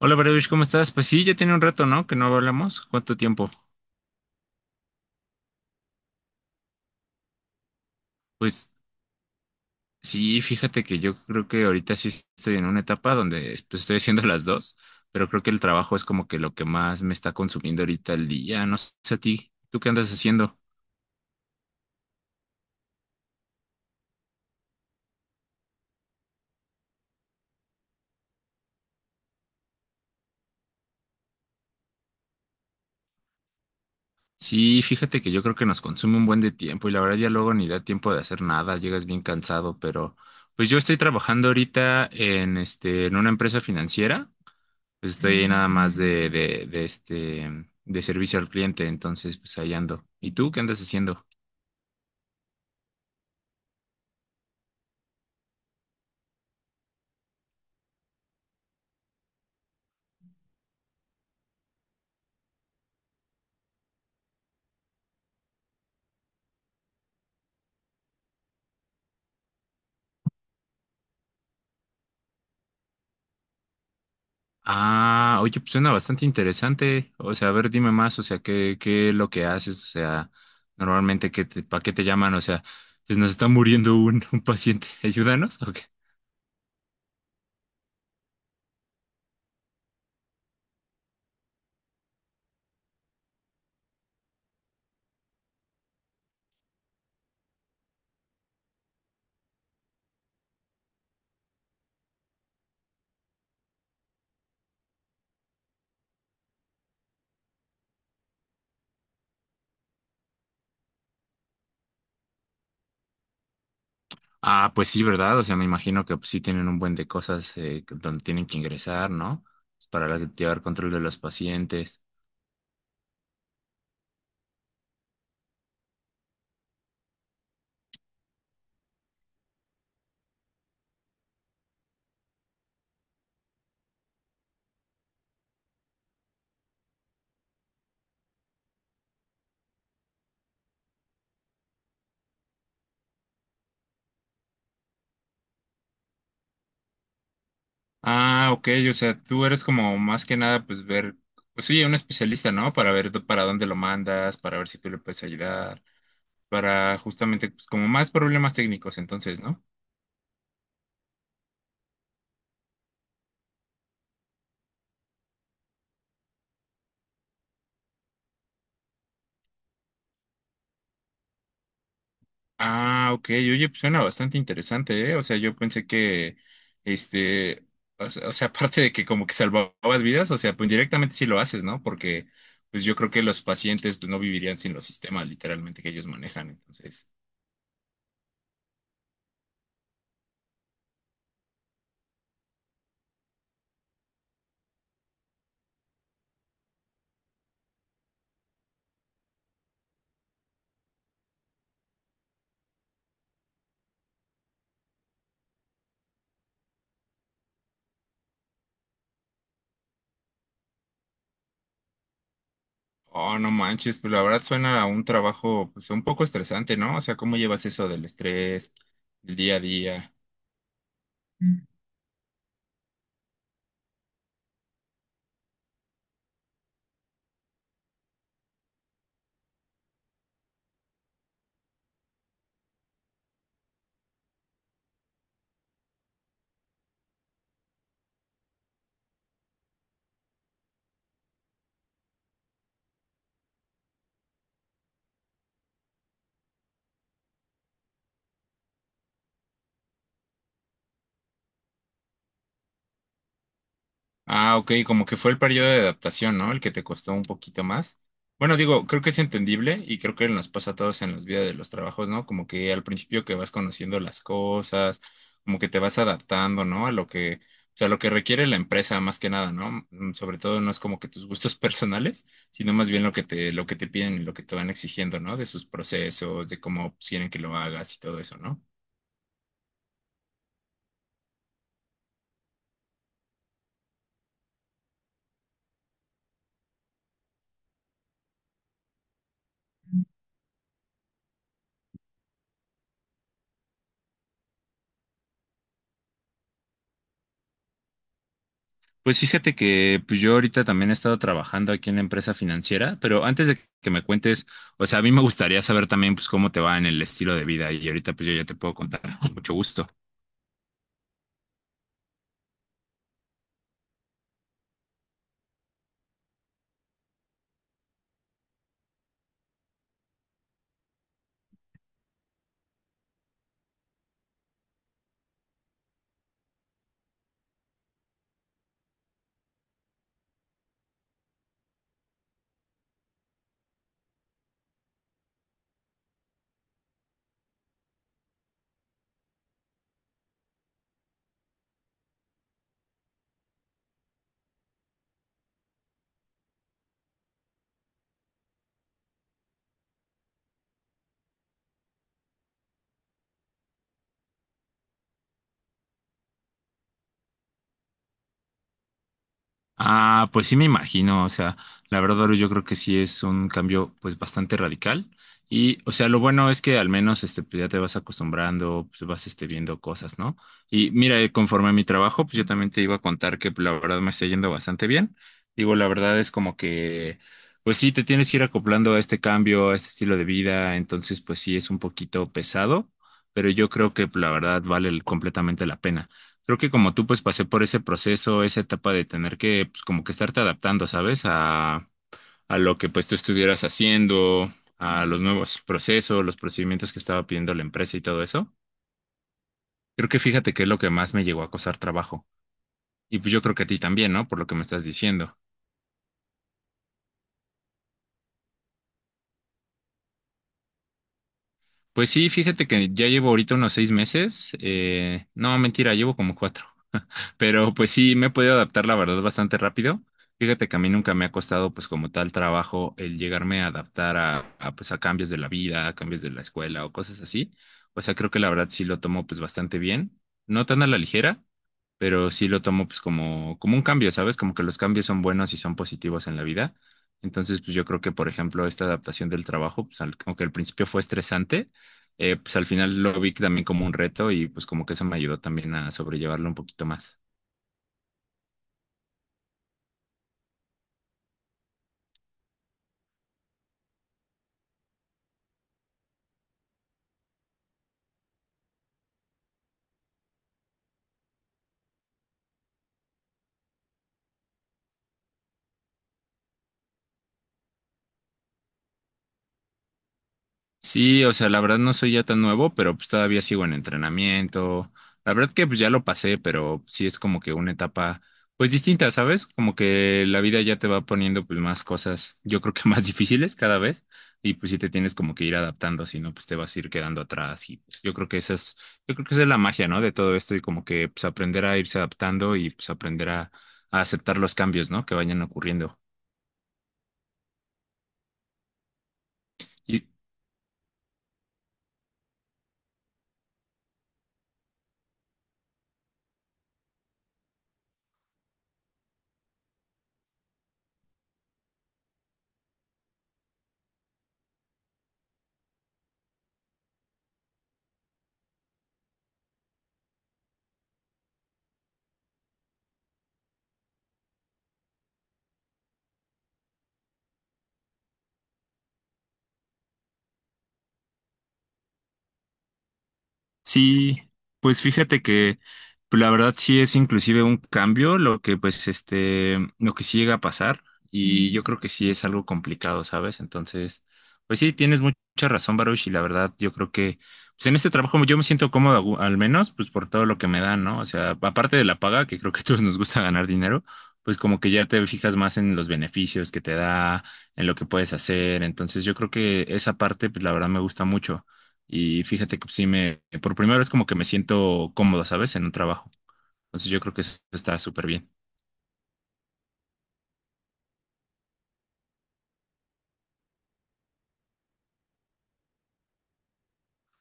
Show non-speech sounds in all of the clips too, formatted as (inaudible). Hola, Baruch, ¿cómo estás? Pues sí, ya tiene un rato, ¿no? Que no hablamos. ¿Cuánto tiempo? Pues sí, fíjate que yo creo que ahorita sí estoy en una etapa donde pues, estoy haciendo las dos, pero creo que el trabajo es como que lo que más me está consumiendo ahorita el día. No sé a ti, ¿tú qué andas haciendo? Sí, fíjate que yo creo que nos consume un buen de tiempo y la verdad ya luego ni da tiempo de hacer nada, llegas bien cansado, pero pues yo estoy trabajando ahorita en una empresa financiera. Pues estoy ahí nada más de servicio al cliente, entonces pues ahí ando. ¿Y tú qué andas haciendo? Ah, oye, pues suena bastante interesante. O sea, a ver, dime más, o sea, qué es lo que haces, o sea, normalmente qué te, ¿para qué te llaman? O sea, se nos está muriendo un, (laughs) un paciente, ayúdanos, ¿o qué? Ah, pues sí, ¿verdad? O sea, me imagino que pues, sí tienen un buen de cosas donde tienen que ingresar, ¿no? Pues, para la- llevar control de los pacientes. Ah, ok, o sea, tú eres como más que nada, pues ver, pues sí, un especialista, ¿no? Para dónde lo mandas, para ver si tú le puedes ayudar, para justamente, pues como más problemas técnicos, entonces, ¿no? Ah, ok, oye, pues suena bastante interesante, ¿eh? O sea, yo pensé que, este, o sea, (laughs) aparte de que como que salvabas vidas, o sea, pues directamente sí lo haces, ¿no? Porque, pues yo creo que los pacientes, pues no vivirían sin los sistemas, literalmente, que ellos manejan, entonces. Oh, no manches, pues la verdad suena a un trabajo pues un poco estresante, ¿no? O sea, ¿cómo llevas eso del estrés, el día a día? Ah, ok, como que fue el periodo de adaptación, ¿no? El que te costó un poquito más. Bueno, digo, creo que es entendible y creo que nos pasa a todos en las vidas de los trabajos, ¿no? Como que al principio que vas conociendo las cosas, como que te vas adaptando, ¿no? A lo que, o sea, lo que requiere la empresa más que nada, ¿no? Sobre todo no es como que tus gustos (laughs) personales, sino más bien lo que te piden y lo que te van exigiendo, ¿no? De sus procesos, de cómo quieren que lo hagas y todo eso, ¿no? Pues fíjate que pues yo ahorita también he estado trabajando aquí en la empresa financiera, pero antes de que me cuentes, o sea, a mí me gustaría saber también pues cómo te va en el estilo de vida y ahorita pues yo ya te puedo contar con mucho gusto. Ah, pues sí me imagino, o sea, la verdad, Baru, yo creo que sí es un cambio pues bastante radical y o sea, lo bueno es que al menos este pues ya te vas acostumbrando, pues vas este viendo cosas, ¿no? Y mira, conforme a mi trabajo, pues yo también te iba a contar que pues, la verdad me está yendo bastante bien. Digo, la verdad es como que pues sí te tienes que ir acoplando a este cambio, a este estilo de vida, entonces pues sí es un poquito pesado, pero yo creo que pues, la verdad vale completamente la pena. Creo que como tú, pues pasé por ese proceso, esa etapa de tener que, pues como que estarte adaptando, ¿sabes? A lo que pues tú estuvieras haciendo, a los nuevos procesos, los procedimientos que estaba pidiendo la empresa y todo eso. Creo que fíjate que es lo que más me llegó a costar trabajo. Y pues yo creo que a ti también, ¿no? Por lo que me estás diciendo. Pues sí, fíjate que ya llevo ahorita unos 6 meses. No, mentira, llevo como cuatro. Pero pues sí, me he podido adaptar, la verdad, bastante rápido. Fíjate que a mí nunca me ha costado, pues como tal trabajo, el llegarme a adaptar a cambios de la vida, a cambios de la escuela o cosas así. O sea, creo que la verdad sí lo tomo pues bastante bien. No tan a la ligera, pero sí lo tomo pues como, como un cambio, ¿sabes? Como que los cambios son buenos y son positivos en la vida. Entonces, pues yo creo que, por ejemplo, esta adaptación del trabajo, pues como que al principio fue estresante, pues al final lo vi también como un reto y pues como que eso me ayudó también a sobrellevarlo un poquito más. Sí, o sea, la verdad no soy ya tan nuevo, pero pues todavía sigo en entrenamiento. La verdad que pues ya lo pasé, pero sí es como que una etapa pues distinta, ¿sabes? Como que la vida ya te va poniendo pues más cosas, yo creo que (laughs) más difíciles cada vez y pues sí te tienes como que ir adaptando, si no pues te vas a ir quedando atrás y pues yo creo que esa es, yo creo que esa es la magia, ¿no? De todo esto y como que pues aprender a irse adaptando y pues aprender a aceptar los cambios, ¿no? Que vayan ocurriendo. Y, Sí, pues fíjate que pues, la verdad sí es inclusive un cambio lo que pues lo que sí llega a pasar y yo creo que sí es algo complicado, ¿sabes? Entonces, pues sí, tienes mucha razón, Baruch, y la verdad yo creo que pues en este trabajo yo me siento cómodo al menos pues por todo lo que me dan, ¿no? O sea, aparte de la paga, que creo que a todos nos gusta ganar dinero, pues como que ya te fijas más en los beneficios que te da, en lo que puedes hacer, entonces yo creo que esa parte pues la verdad me gusta mucho. Y fíjate que sí me, por primera vez como que me siento cómodo, ¿sabes? En un trabajo. Entonces yo creo que eso está súper bien.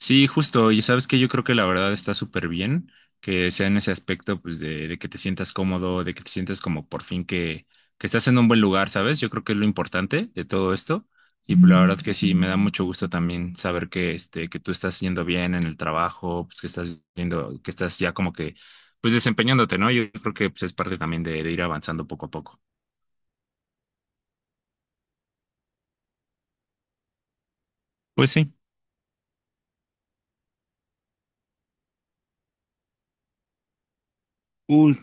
Sí, justo, y sabes que yo creo que la verdad está súper bien que sea en ese aspecto, pues, de que te sientas cómodo, de que te sientas como por fin que, estás en un buen lugar, ¿sabes? Yo creo que es lo importante de todo esto. Y pues, la verdad que sí, me da mucho gusto también saber que, que tú estás yendo bien en el trabajo, pues que estás viendo, que estás ya como que, pues desempeñándote, ¿no? Yo creo que pues, es parte también de ir avanzando poco a poco. Pues sí. Uy,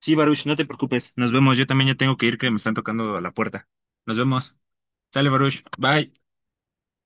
sí, Baruch, no te preocupes. Nos vemos. Yo también ya tengo que ir, que me están tocando a la puerta. Nos vemos. Sale, Baruch. Bye.